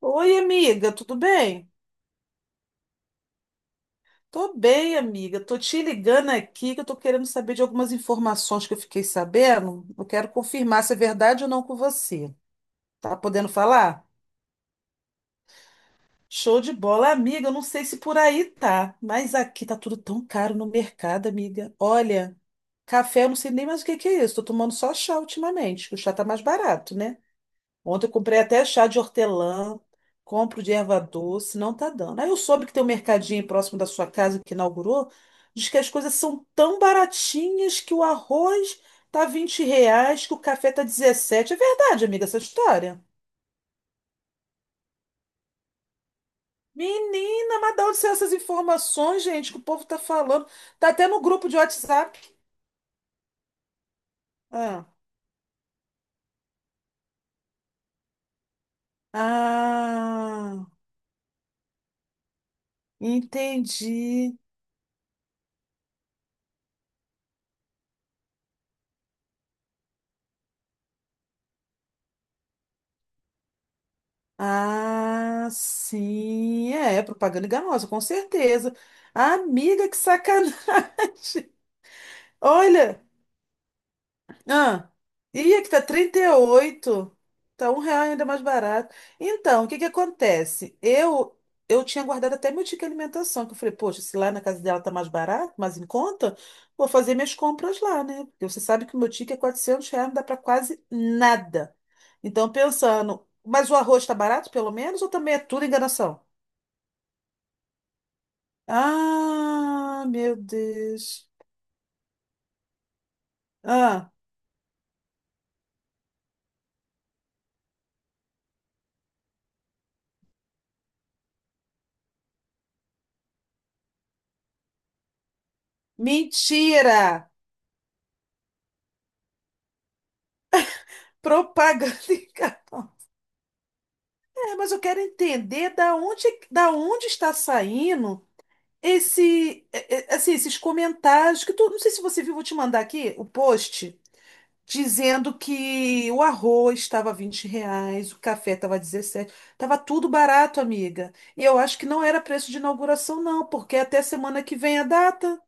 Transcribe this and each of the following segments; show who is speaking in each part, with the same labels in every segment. Speaker 1: Oi, amiga, tudo bem? Tô bem, amiga. Tô te ligando aqui que eu tô querendo saber de algumas informações que eu fiquei sabendo. Eu quero confirmar se é verdade ou não com você. Tá podendo falar? Show de bola, amiga. Eu não sei se por aí tá, mas aqui tá tudo tão caro no mercado, amiga. Olha, café eu não sei nem mais o que que é isso. Tô tomando só chá ultimamente, que o chá tá mais barato, né? Ontem eu comprei até chá de hortelã, compro de erva doce, não tá dando. Aí eu soube que tem um mercadinho próximo da sua casa que inaugurou, diz que as coisas são tão baratinhas que o arroz tá R$ 20, que o café tá 17. É verdade, amiga, essa história? Menina, mas de onde são essas informações, gente, que o povo tá falando? Tá até no grupo de WhatsApp. Ah, ah, entendi. Ah, sim, é, propaganda enganosa, com certeza. Amiga, que sacanagem. Olha, ah, ia que tá 38, tá R$ 1 ainda mais barato. Então, o que que acontece? Eu tinha guardado até meu ticket de alimentação, que eu falei, poxa, se lá na casa dela tá mais barato, mais em conta, vou fazer minhas compras lá, né? Porque você sabe que o meu ticket é R$ 400, não dá pra quase nada. Então, pensando, mas o arroz tá barato, pelo menos, ou também é tudo enganação? Ah, meu Deus. Ah, mentira! Propaganda em cartão. É, mas eu quero entender da onde está saindo esse, assim, esses comentários que tu, não sei se você viu, vou te mandar aqui o post dizendo que o arroz estava R$ 20, o café estava 17, estava tudo barato, amiga. E eu acho que não era preço de inauguração, não, porque até semana que vem a data.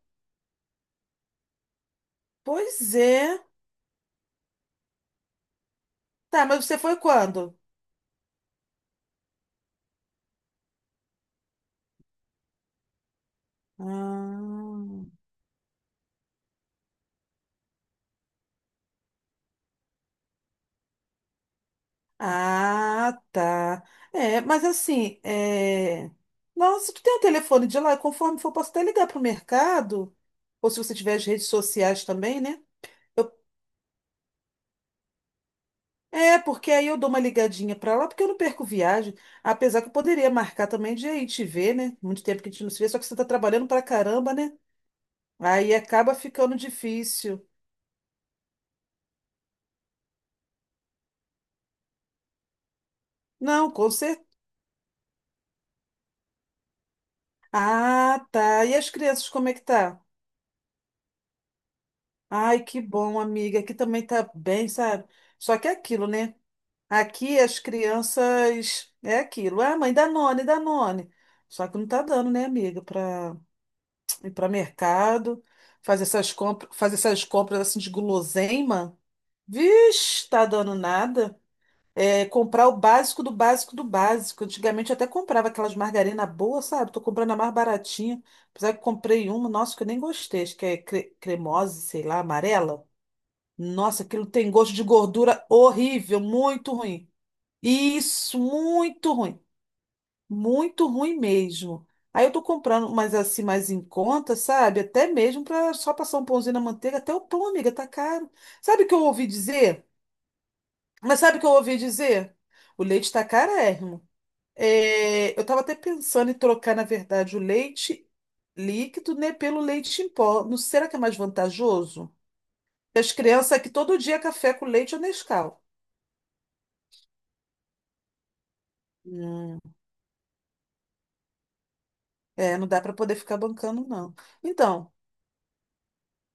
Speaker 1: Pois é. Tá, mas você foi quando? Ah, ah, tá. É, mas assim, Nossa, tu tem o telefone de lá, e conforme for, posso até ligar pro mercado, ou se você tiver as redes sociais também, né? Eu- É, porque aí eu dou uma ligadinha pra lá, porque eu não perco viagem, apesar que eu poderia marcar também de ir te ver, né? Muito tempo que a gente não se vê, só que você tá trabalhando pra caramba, né? Aí acaba ficando difícil. Não, com certeza. Ah, tá. E as crianças, como é que tá? Ai, que bom, amiga. Aqui também tá bem, sabe? Só que é aquilo, né? Aqui as crianças é aquilo. Ah, mãe, Danone, Danone. Só que não tá dando, né, amiga, para ir para mercado, fazer essas compras assim de guloseima. Vixe, tá dando nada. É, comprar o básico do básico do básico. Antigamente eu até comprava aquelas margarina boa, sabe? Tô comprando a mais baratinha. Apesar que comprei uma, nossa, que eu nem gostei, acho que é cremosa, sei lá, amarela. Nossa, aquilo tem gosto de gordura horrível, muito ruim. Isso, muito ruim. Muito ruim mesmo. Aí eu tô comprando mas assim, mais em conta, sabe? Até mesmo para só passar um pãozinho na manteiga, até o pão, amiga, tá caro. Sabe o que eu ouvi dizer? Mas sabe o que eu ouvi dizer? O leite tá carérrimo. É, eu tava até pensando em trocar, na verdade, o leite líquido, né, pelo leite em pó. Não será que é mais vantajoso? As crianças aqui todo dia é café com leite ou Nescau. Hum. É, não dá para poder ficar bancando, não. Então,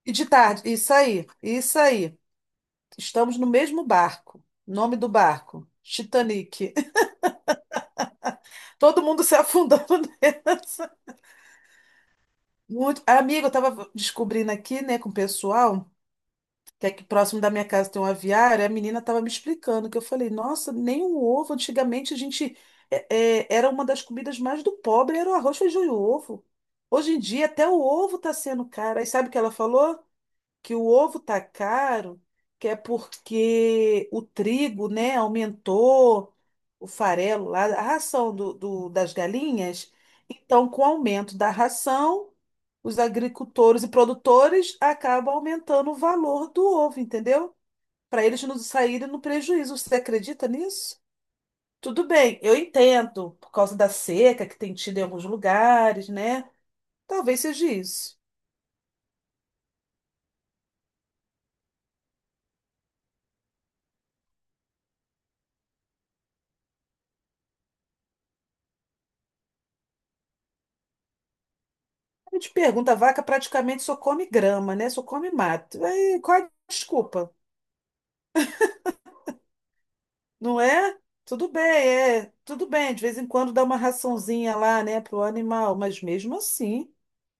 Speaker 1: e de tarde? Isso aí, isso aí. Estamos no mesmo barco. Nome do barco: Titanic. Todo mundo se afundando nessa. Muito. Amiga, eu tava descobrindo aqui, né, com o pessoal, que aqui próximo da minha casa tem um aviário, e a menina tava me explicando, que eu falei, nossa, nem um ovo. Antigamente a gente, é, era uma das comidas mais do pobre, era o arroz, feijão e ovo. Hoje em dia, até o ovo tá sendo caro. Aí sabe o que ela falou? Que o ovo tá caro, que é porque o trigo, né, aumentou o farelo lá, a ração das galinhas. Então, com o aumento da ração, os agricultores e produtores acabam aumentando o valor do ovo, entendeu? Para eles não saírem no prejuízo. Você acredita nisso? Tudo bem, eu entendo, por causa da seca que tem tido em alguns lugares, né? Talvez seja isso. A gente pergunta, a vaca praticamente só come grama, né? Só come mato. Aí, qual é a desculpa? Não é? Tudo bem, é. Tudo bem, de vez em quando dá uma raçãozinha lá, né, pro animal, mas mesmo assim,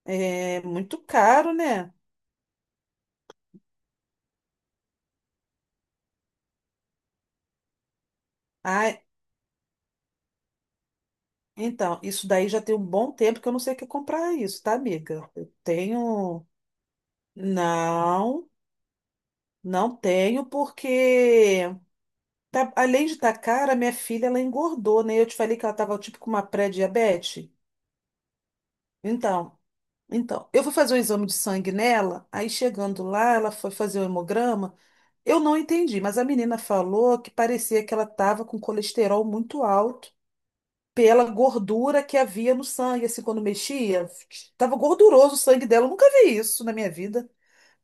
Speaker 1: é muito caro, né? Ah, então, isso daí já tem um bom tempo que eu não sei o que comprar isso, tá, amiga? Eu tenho. Não, não tenho, porque além de estar cara, minha filha, ela engordou, né? Eu te falei que ela tava tipo com uma pré-diabetes. Então, eu fui fazer um exame de sangue nela, aí chegando lá, ela foi fazer o hemograma. Eu não entendi, mas a menina falou que parecia que ela estava com colesterol muito alto pela gordura que havia no sangue, assim, quando mexia, estava gorduroso o sangue dela. Eu nunca vi isso na minha vida.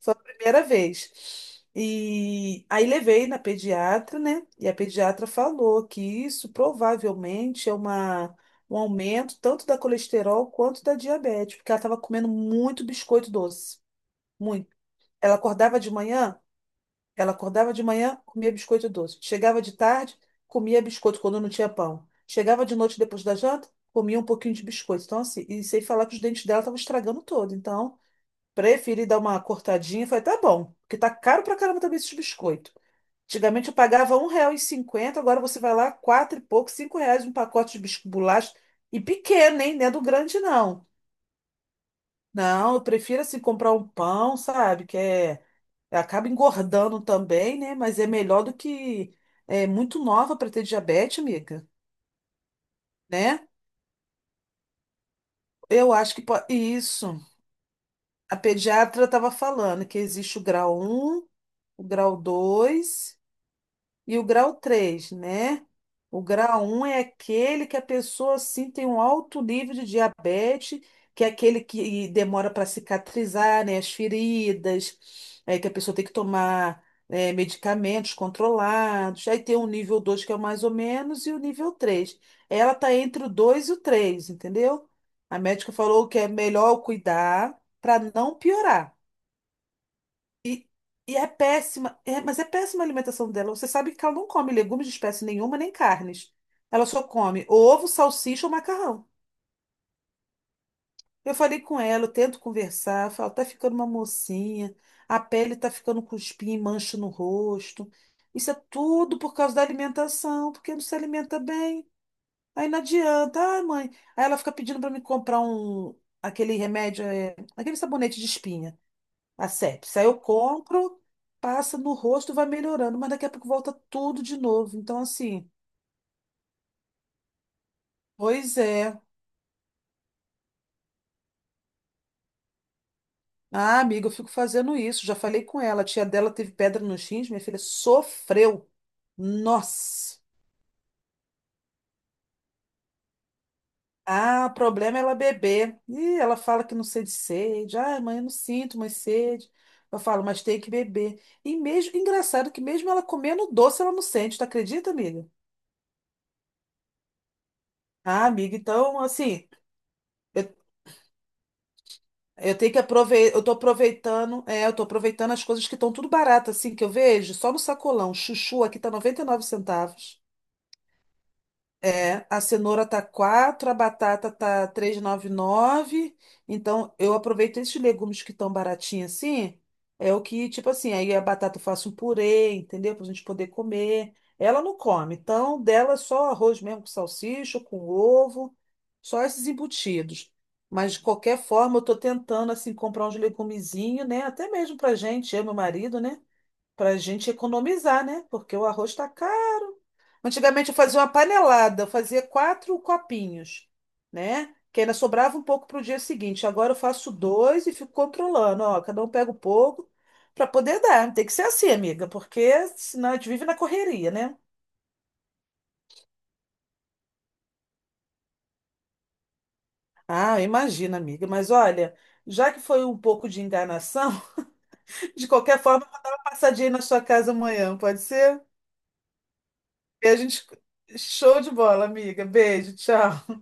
Speaker 1: Foi a primeira vez. E aí levei na pediatra, né? E a pediatra falou que isso provavelmente é um aumento tanto da colesterol quanto da diabetes, porque ela estava comendo muito biscoito doce, muito. Ela acordava de manhã, comia biscoito doce. Chegava de tarde, comia biscoito quando não tinha pão. Chegava de noite depois da janta, comia um pouquinho de biscoito. Então, assim, e sem falar que os dentes dela estavam estragando todo. Então, preferi dar uma cortadinha. Falei, tá bom, porque tá caro pra caramba também esses biscoitos. Antigamente eu pagava R$ 1,50, agora você vai lá, quatro e pouco, R$ 5 um pacote de bisco bolacha. E pequeno, hein? Não é do grande, não. Não, eu prefiro assim comprar um pão, sabe? Que é. Acaba engordando também, né? Mas é melhor do que. É muito nova para ter diabetes, amiga, né? Eu acho que pode. Isso. A pediatra estava falando que existe o grau um, o grau dois, e o grau 3, né? O grau um é aquele que a pessoa assim tem um alto nível de diabetes, que é aquele que demora para cicatrizar, né? As feridas, é, que a pessoa tem que tomar, é, medicamentos controlados. Aí tem o nível dois, que é o mais ou menos, e o nível 3. Ela está entre o 2 e o 3, entendeu? A médica falou que é melhor eu cuidar para não piorar. E, e é péssima, mas é péssima a alimentação dela. Você sabe que ela não come legumes de espécie nenhuma, nem carnes. Ela só come ovo, salsicha ou macarrão. Eu falei com ela, eu tento conversar, falo, tá ficando uma mocinha, a pele tá ficando com espinha e mancha no rosto. Isso é tudo por causa da alimentação, porque não se alimenta bem. Aí não adianta, ai, mãe. Aí ela fica pedindo para me comprar aquele remédio, aquele sabonete de espinha. A sepse. Aí eu compro, passa no rosto, vai melhorando, mas daqui a pouco volta tudo de novo. Então, assim, pois é. Ah, amiga, eu fico fazendo isso. Já falei com ela. A tia dela teve pedra nos rins, minha filha sofreu. Nossa. Ah, o problema é ela beber. Ih, ela fala que não sente sede. Ah, mãe, eu não sinto mais sede. Eu falo, mas tem que beber. E mesmo, engraçado que mesmo ela comendo doce, ela não sente, tu acredita, amiga? Ah, amiga, então, assim. eu Eu tenho que aproveitar, eu tô aproveitando as coisas que estão tudo barato, assim, que eu vejo, só no sacolão. Chuchu aqui tá 99 centavos. É, a cenoura tá quatro, a batata tá 3,99. Então, eu aproveito esses legumes que estão baratinhos assim. É o que, tipo assim, aí a batata eu faço um purê, entendeu? Pra gente poder comer. Ela não come, então dela é só arroz mesmo com salsicha, com ovo, só esses embutidos. Mas de qualquer forma, eu tô tentando assim comprar uns legumezinhos, né? Até mesmo pra gente, eu e meu marido, né? Pra gente economizar, né? Porque o arroz tá caro. Antigamente eu fazia uma panelada, eu fazia quatro copinhos, né? Que ainda sobrava um pouco para o dia seguinte. Agora eu faço dois e fico controlando, ó, cada um pega um pouco para poder dar. Tem que ser assim, amiga, porque senão a gente vive na correria, né? Ah, imagina, amiga. Mas olha, já que foi um pouco de enganação, de qualquer forma, eu vou dar uma passadinha aí na sua casa amanhã, pode ser? E a gente. Show de bola, amiga. Beijo, tchau.